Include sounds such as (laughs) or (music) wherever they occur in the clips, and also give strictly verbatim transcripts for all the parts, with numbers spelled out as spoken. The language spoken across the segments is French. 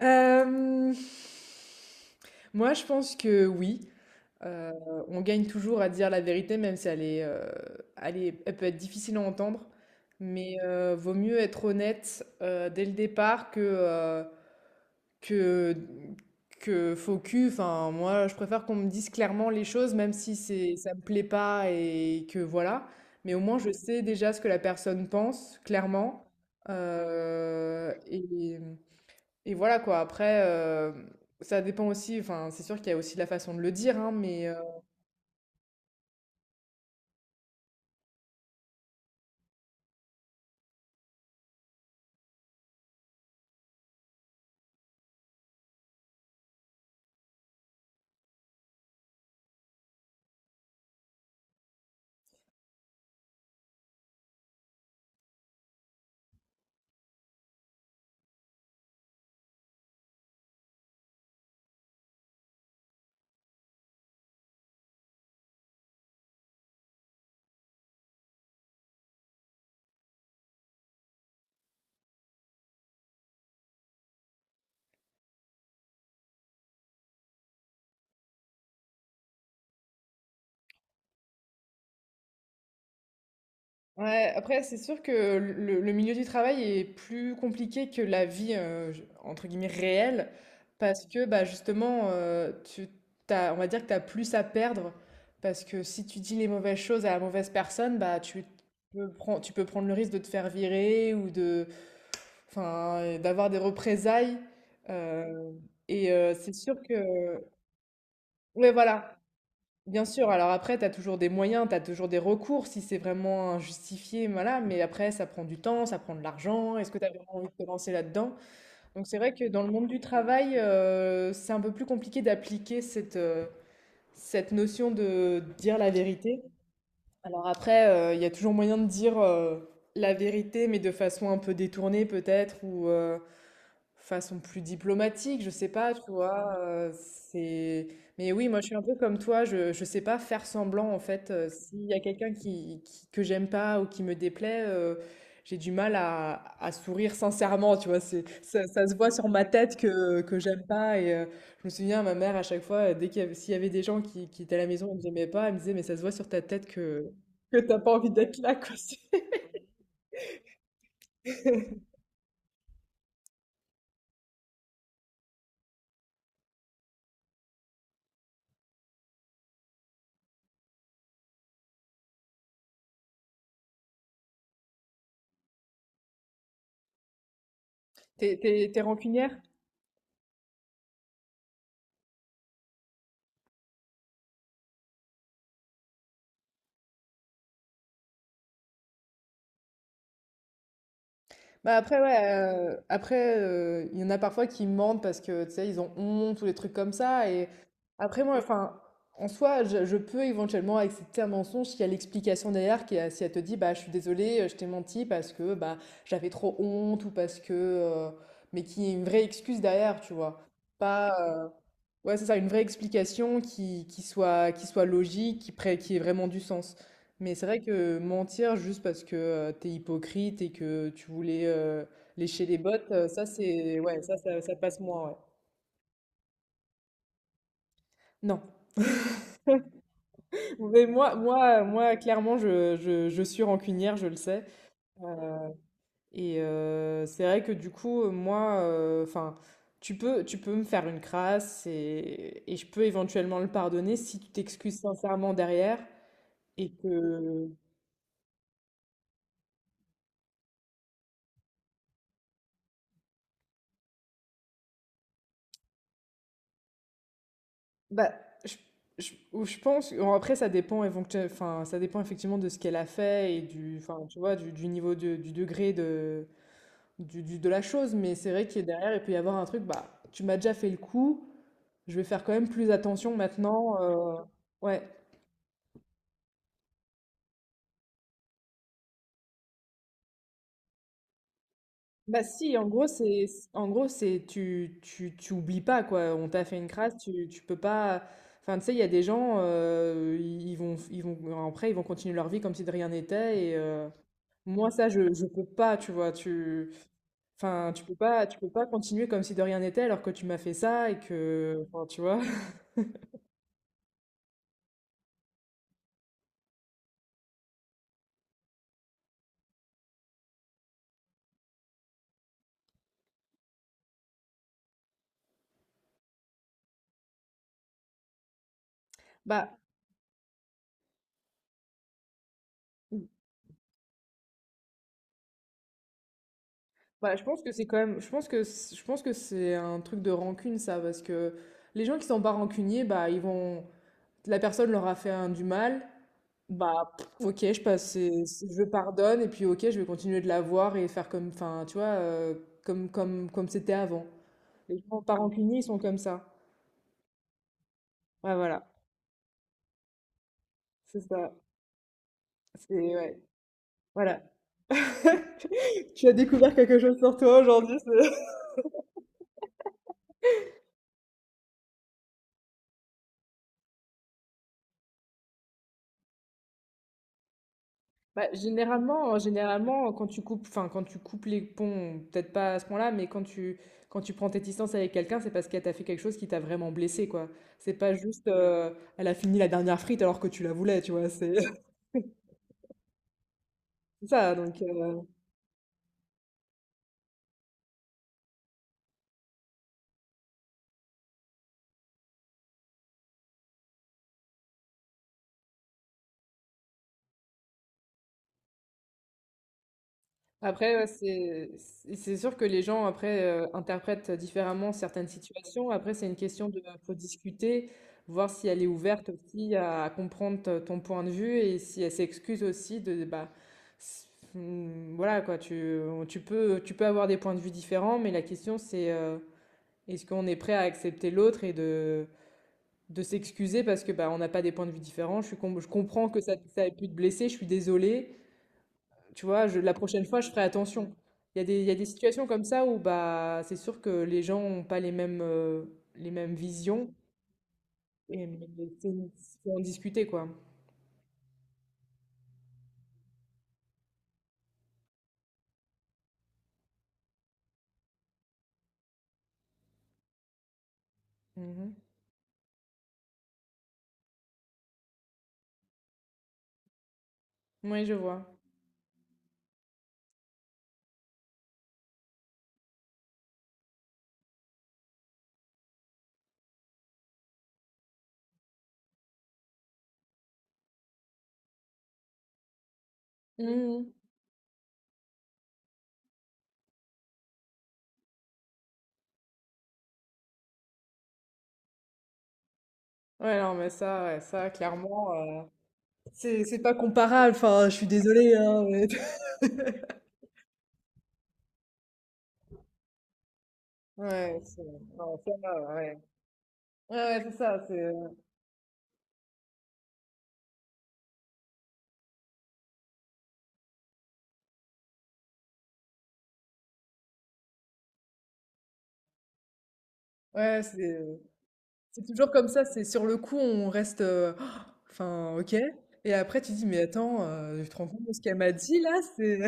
Hem, Moi, je pense que oui. Heu, on gagne toujours à dire la vérité, même si elle est, heu, elle est elle peut être difficile à entendre. Mais, heu, vaut mieux être honnête, heu, dès le départ que, heu, que que faux cul. Enfin, moi, je préfère qu'on me dise clairement les choses, même si c'est ça me plaît pas et que voilà. Mais au moins, je sais déjà ce que la personne pense, clairement. Heu et et voilà quoi, après, heu, ça dépend aussi, enfin, c'est sûr qu'il y a aussi la façon de le dire, hein, mais heu, ouais, après, c'est sûr que le le milieu du travail est plus compliqué que la vie, heu, j entre guillemets «réelle», parce que, bah, justement, heu, tu t'as on va dire que tu as plus à perdre parce que si tu dis les mauvaises choses à la mauvaise personne, bah, tu peux pren tu peux prendre le risque de te faire virer ou de enfin, heu, d'avoir des représailles. heu et heu, c'est sûr que ouais, voilà. Bien sûr, alors après, tu as toujours des moyens, tu as toujours des recours si c'est vraiment injustifié, voilà, mais après, ça prend du temps, ça prend de l'argent, est-ce que tu as vraiment envie de te lancer là-dedans? Donc c'est vrai que dans le monde du travail, euh, c'est un peu plus compliqué d'appliquer cette, euh, cette notion de dire la vérité. Alors après, euh, il y a toujours moyen de dire euh, la vérité, mais de façon un peu détournée peut-être, ou, euh, façon plus diplomatique, je sais pas, tu vois, euh, c'est... Mais oui, moi je suis un peu comme toi, je, je sais pas faire semblant en fait, euh, s'il y a quelqu'un qui, qui- que j'aime pas ou qui me déplaît, euh, j'ai du mal à, à sourire sincèrement, tu vois, c'est, ça, ça se voit sur ma tête que, que j'aime pas et euh, je me souviens, ma mère à chaque fois, euh, dès qu'il y avait, s'il y avait des gens qui, qui étaient à la maison et que j'aimais pas, elle me disait, mais ça se voit sur ta tête que, que t'as pas envie d'être là, quoi. (laughs) T'es, t'es, t'es rancunière? Bah après, ouais, euh, après, euh, il y en a parfois qui mentent parce que, tu sais, ils ont honte ou des trucs comme ça. Et après, moi, enfin, en soi, je, je peux éventuellement accepter un mensonge s'il y a l'explication derrière, qui est- si elle te dit, bah, je suis désolée, euh, je t'ai menti parce que, bah, j'avais trop honte ou parce que, euh, mais qu'il y ait une vraie excuse derrière, tu vois. Pas, euh, Ouais, c'est ça, une vraie explication qui, qui soit, qui soit logique, qui, pré- qui ait vraiment du sens. Mais c'est vrai que mentir juste parce que euh, t'es hypocrite et que tu voulais euh, lécher les bottes, euh, ça c'est ouais, ça, ça, ça passe moins, ouais. Non. (laughs) Mais moi, moi, moi, clairement, je, je, je suis rancunière, je le sais. Euh, Et euh, c'est vrai que du coup, moi, euh, enfin, tu peux, tu peux me faire une crasse et, et je peux éventuellement le pardonner si tu t'excuses sincèrement derrière et que bah, je, je- ou je pense, bon, après ça dépend, éventu- enfin, ça dépend effectivement de ce qu'elle a fait et du, enfin, tu vois, du, du niveau de- du degré de, du- du- de la chose, mais c'est vrai que derrière il peut y avoir un truc, bah, tu m'as déjà fait le coup, je vais faire quand même plus attention maintenant. euh, Ouais. Bah si, en gros c'est, en gros c'est, tu, tu, tu oublies pas quoi, on t'a fait une crasse, tu, tu peux pas, enfin tu sais, il y a des gens, euh, ils ils vont, ils vont, après ils vont continuer leur vie comme si de rien n'était et... euh, Moi, ça, je, je peux pas, tu vois, tu, enfin, tu peux pas, tu peux pas continuer comme si de rien n'était alors que tu m'as fait ça et que, enfin, tu vois. (laughs) Bah, bah, je pense que c'est quand même, je pense que, c- je pense que c'est un truc de rancune, ça, parce que les gens qui sont pas rancuniers, bah, ils vont, la personne leur a fait un, du mal, bah, pff, ok, je passe, c'est- c'est- je pardonne et puis ok, je vais continuer de la voir et faire comme, enfin, tu vois, euh, comme, comme, comme c'était avant. Les gens pas rancuniers, ils sont comme ça. Ouais, voilà, c'est ça. C'est ouais. Voilà. (laughs) Tu as découvert quelque chose sur toi aujourd'hui, c'est (laughs) Bah, généralement, euh, généralement, quand tu coupes, enfin, quand tu coupes les ponts, peut-être pas à ce point-là, mais quand tu, quand tu prends tes distances avec quelqu'un, c'est parce qu'elle t'a fait quelque chose qui t'a vraiment blessé, quoi. C'est pas juste, euh, elle a fini la dernière frite alors que tu la voulais, tu vois. C'est (laughs) c'est ça, donc. euh, Après, ouais, c'est c'est c'est sûr que les gens après euh, interprètent différemment certaines situations. Après, c'est une question de faut discuter, voir si elle est ouverte aussi à, à comprendre t- ton point de vue et si elle s'excuse aussi de bah s- hum, voilà quoi. Tu tu peux tu peux avoir des points de vue différents, mais la question c'est euh, est-ce qu'on est prêt à accepter l'autre et de de s'excuser parce que bah on n'a pas des points de vue différents. Je suis com- je comprends que ça ça ait pu te blesser. Je suis désolée. Tu vois, je- la prochaine fois, je ferai attention. Il y a des, il y a des situations comme ça où bah, c'est sûr que les gens n'ont pas les mêmes, euh, les mêmes visions. Et mais c'est- faut en discuter, quoi. Mhm. Oui, je vois. Mhm. Ouais, non, mais ça, ouais, ça, clairement, euh, c'est c'est pas comparable. Enfin, je suis désolée, hein, mais- (laughs) Ouais, c'est- non, ça, ouais. Ouais, ouais, c'est ça, c'est... Ouais, c'est... C'est toujours comme ça, c'est sur le coup, on reste, heu, enfin OK, et après tu dis: «Mais attends, heu, tu te rends compte de ce qu'elle m'a dit là? C'est»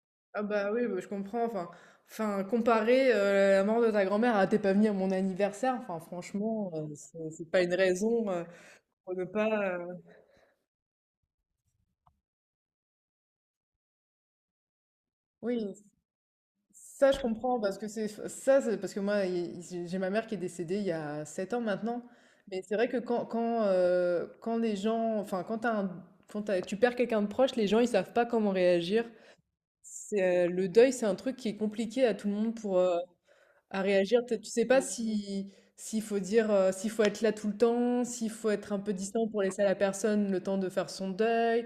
(laughs) Ah bah, oui, bah, je comprends, enfin enfin comparer, heu, la mort de ta grand-mère à «Tu pas venu à mon anniversaire», enfin franchement, heu, c'est c'est pas une raison, heu, pour ne pas, heu oui. Ça, je comprends parce que c'est ça, c'est parce que moi, il- j'ai j'ai ma mère qui est décédée il y a sept ans maintenant. Mais c'est vrai que quand, quand, euh, quand les gens, enfin, quand, t'as un- quand t'as- tu perds quelqu'un de proche, les gens, ils savent pas comment réagir. C'est, euh, le deuil, c'est un truc qui est compliqué à tout le monde pour, euh, à réagir, peut-être tu sais pas si s'il faut dire, heu, s'il faut être là tout le temps, s'il faut être un peu distant pour laisser à la personne le temps de faire son deuil.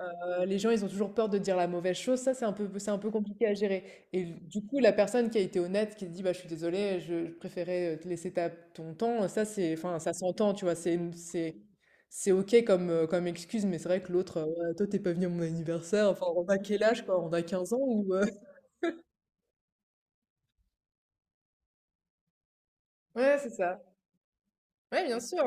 Heu, les gens, ils ont toujours peur de dire la mauvaise chose. Ça, c'est un peu c'est un peu compliqué à gérer et du coup, la personne qui a été honnête, qui a dit: «Bah, je suis désolée, je je préférais te laisser ta ton temps», ça, c'est enfin, ça s'entend, tu vois? C'est c'est c'est OK comme, heu, comme excuse, mais c'est vrai que l'autre, heu: «Ouais, toi, t'es pas venu à mon anniversaire». Enfin, on a quel âge, quoi? On a quinze ans ou heu? (laughs) Ouais, c'est ça. Ouais, bien sûr,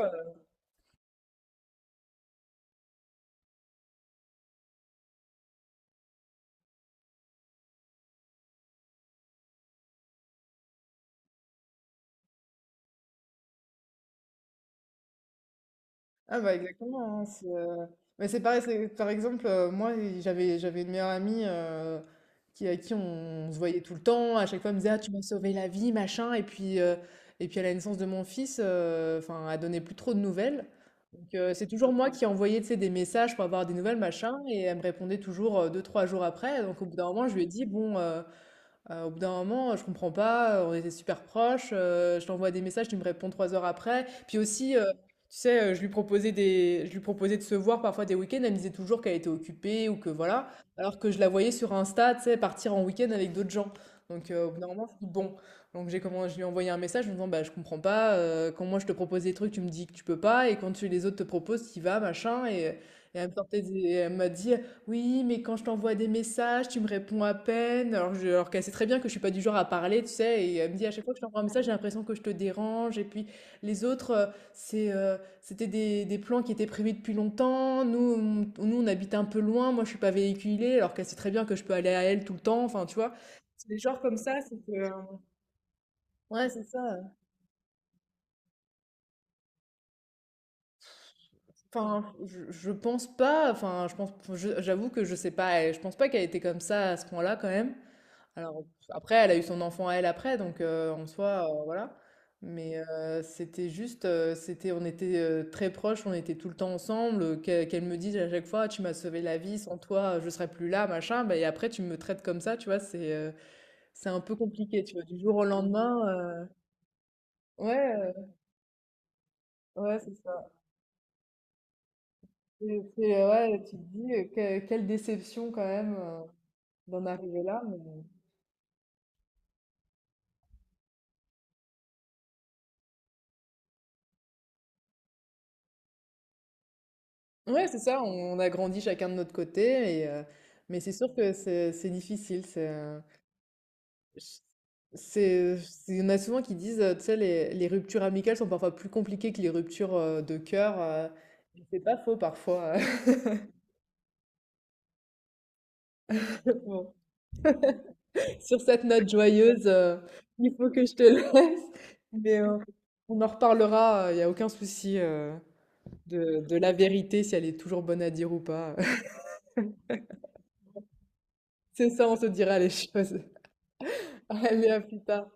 ah bah exactement, hein, c'est, euh, mais c'est pareil, c'est- par exemple, euh, moi j'avais j'avais une meilleure amie euh, qui, à qui on, se voyait tout le temps, à chaque fois elle me disait: ah, tu m'as sauvé la vie, machin, et puis, euh, et puis à la naissance de mon fils, euh, enfin, elle donnait plus trop de nouvelles. Donc euh, c'est toujours moi qui envoyais tu sais, des messages pour avoir des nouvelles, machin, et elle me répondait toujours euh, deux, trois jours après. Donc au bout d'un moment, je lui ai dit, bon, euh, euh, au bout d'un moment, je comprends pas, euh, on était super proches, euh, je t'envoie des messages, tu me réponds trois heures après. Puis aussi, euh, tu sais, euh, je lui proposais des, je lui proposais de se voir parfois des week-ends, elle me disait toujours qu'elle était occupée ou que voilà, alors que je la voyais sur Insta, tu sais, partir en week-end avec d'autres gens. Donc euh, au bout d'un moment, je dis bon. Donc j'ai comment, je lui ai envoyé un message en me disant, bah je comprends pas, euh, quand moi je te propose des trucs, tu me dis que tu peux pas, et quand tu, les autres te proposent, tu y vas, machin, et, et elle me sortait des- et elle m'a dit, oui, mais quand je t'envoie des messages, tu me réponds à peine. Alors, je, alors qu'elle sait très bien que je suis pas du genre à parler, tu sais. Et elle me dit à chaque fois que je t'envoie un message, j'ai l'impression que je te dérange. Et puis les autres, euh, c'est, euh, c'était des, des plans qui étaient prévus depuis longtemps. Nous, on, nous, on habite un peu loin. Moi, je suis pas véhiculée. Alors qu'elle sait très bien que je peux aller à elle tout le temps. Enfin, tu vois. C'est des genres comme ça, c'est que... euh, Ouais, c'est ça. Enfin, je, je pense pas. Enfin, je pense, je- j'avoue que je sais pas. Je pense pas qu'elle était comme ça à ce point-là quand même. Alors, après, elle a eu son enfant à elle après, donc euh, en soi, euh, voilà. Mais euh, c'était juste, euh, c'était, on était euh, très proches, on était tout le temps ensemble. euh, qu'elle qu'elle me dise à chaque fois, tu m'as sauvé la vie, sans toi, je serais plus là, machin. Bah, et après, tu me traites comme ça, tu vois, c'est euh, c'est un peu compliqué, tu vois, du jour au lendemain. euh, ouais, euh, ouais, c'est ça. Et c'est, euh, ouais, tu te dis, euh, que- quelle déception quand même euh, d'en arriver là. Ouais, c'est ça, on on a grandi chacun de notre côté, et, euh, mais c'est sûr que c'est c'est difficile. C'est, euh, c'est, c'est- il y en a souvent qui disent, euh, tu sais, les, les ruptures amicales sont parfois plus compliquées que les ruptures euh, de cœur. Euh, et c'est pas faux parfois. (laughs) Bon, sur cette note joyeuse, euh, il faut que je te (laughs) laisse, mais euh, on en reparlera, euh, il n'y a aucun souci euh, de, de la vérité, si elle est toujours bonne à dire ou pas. (laughs) C'est ça, on se dira les choses. (laughs) Allez, à plus tard.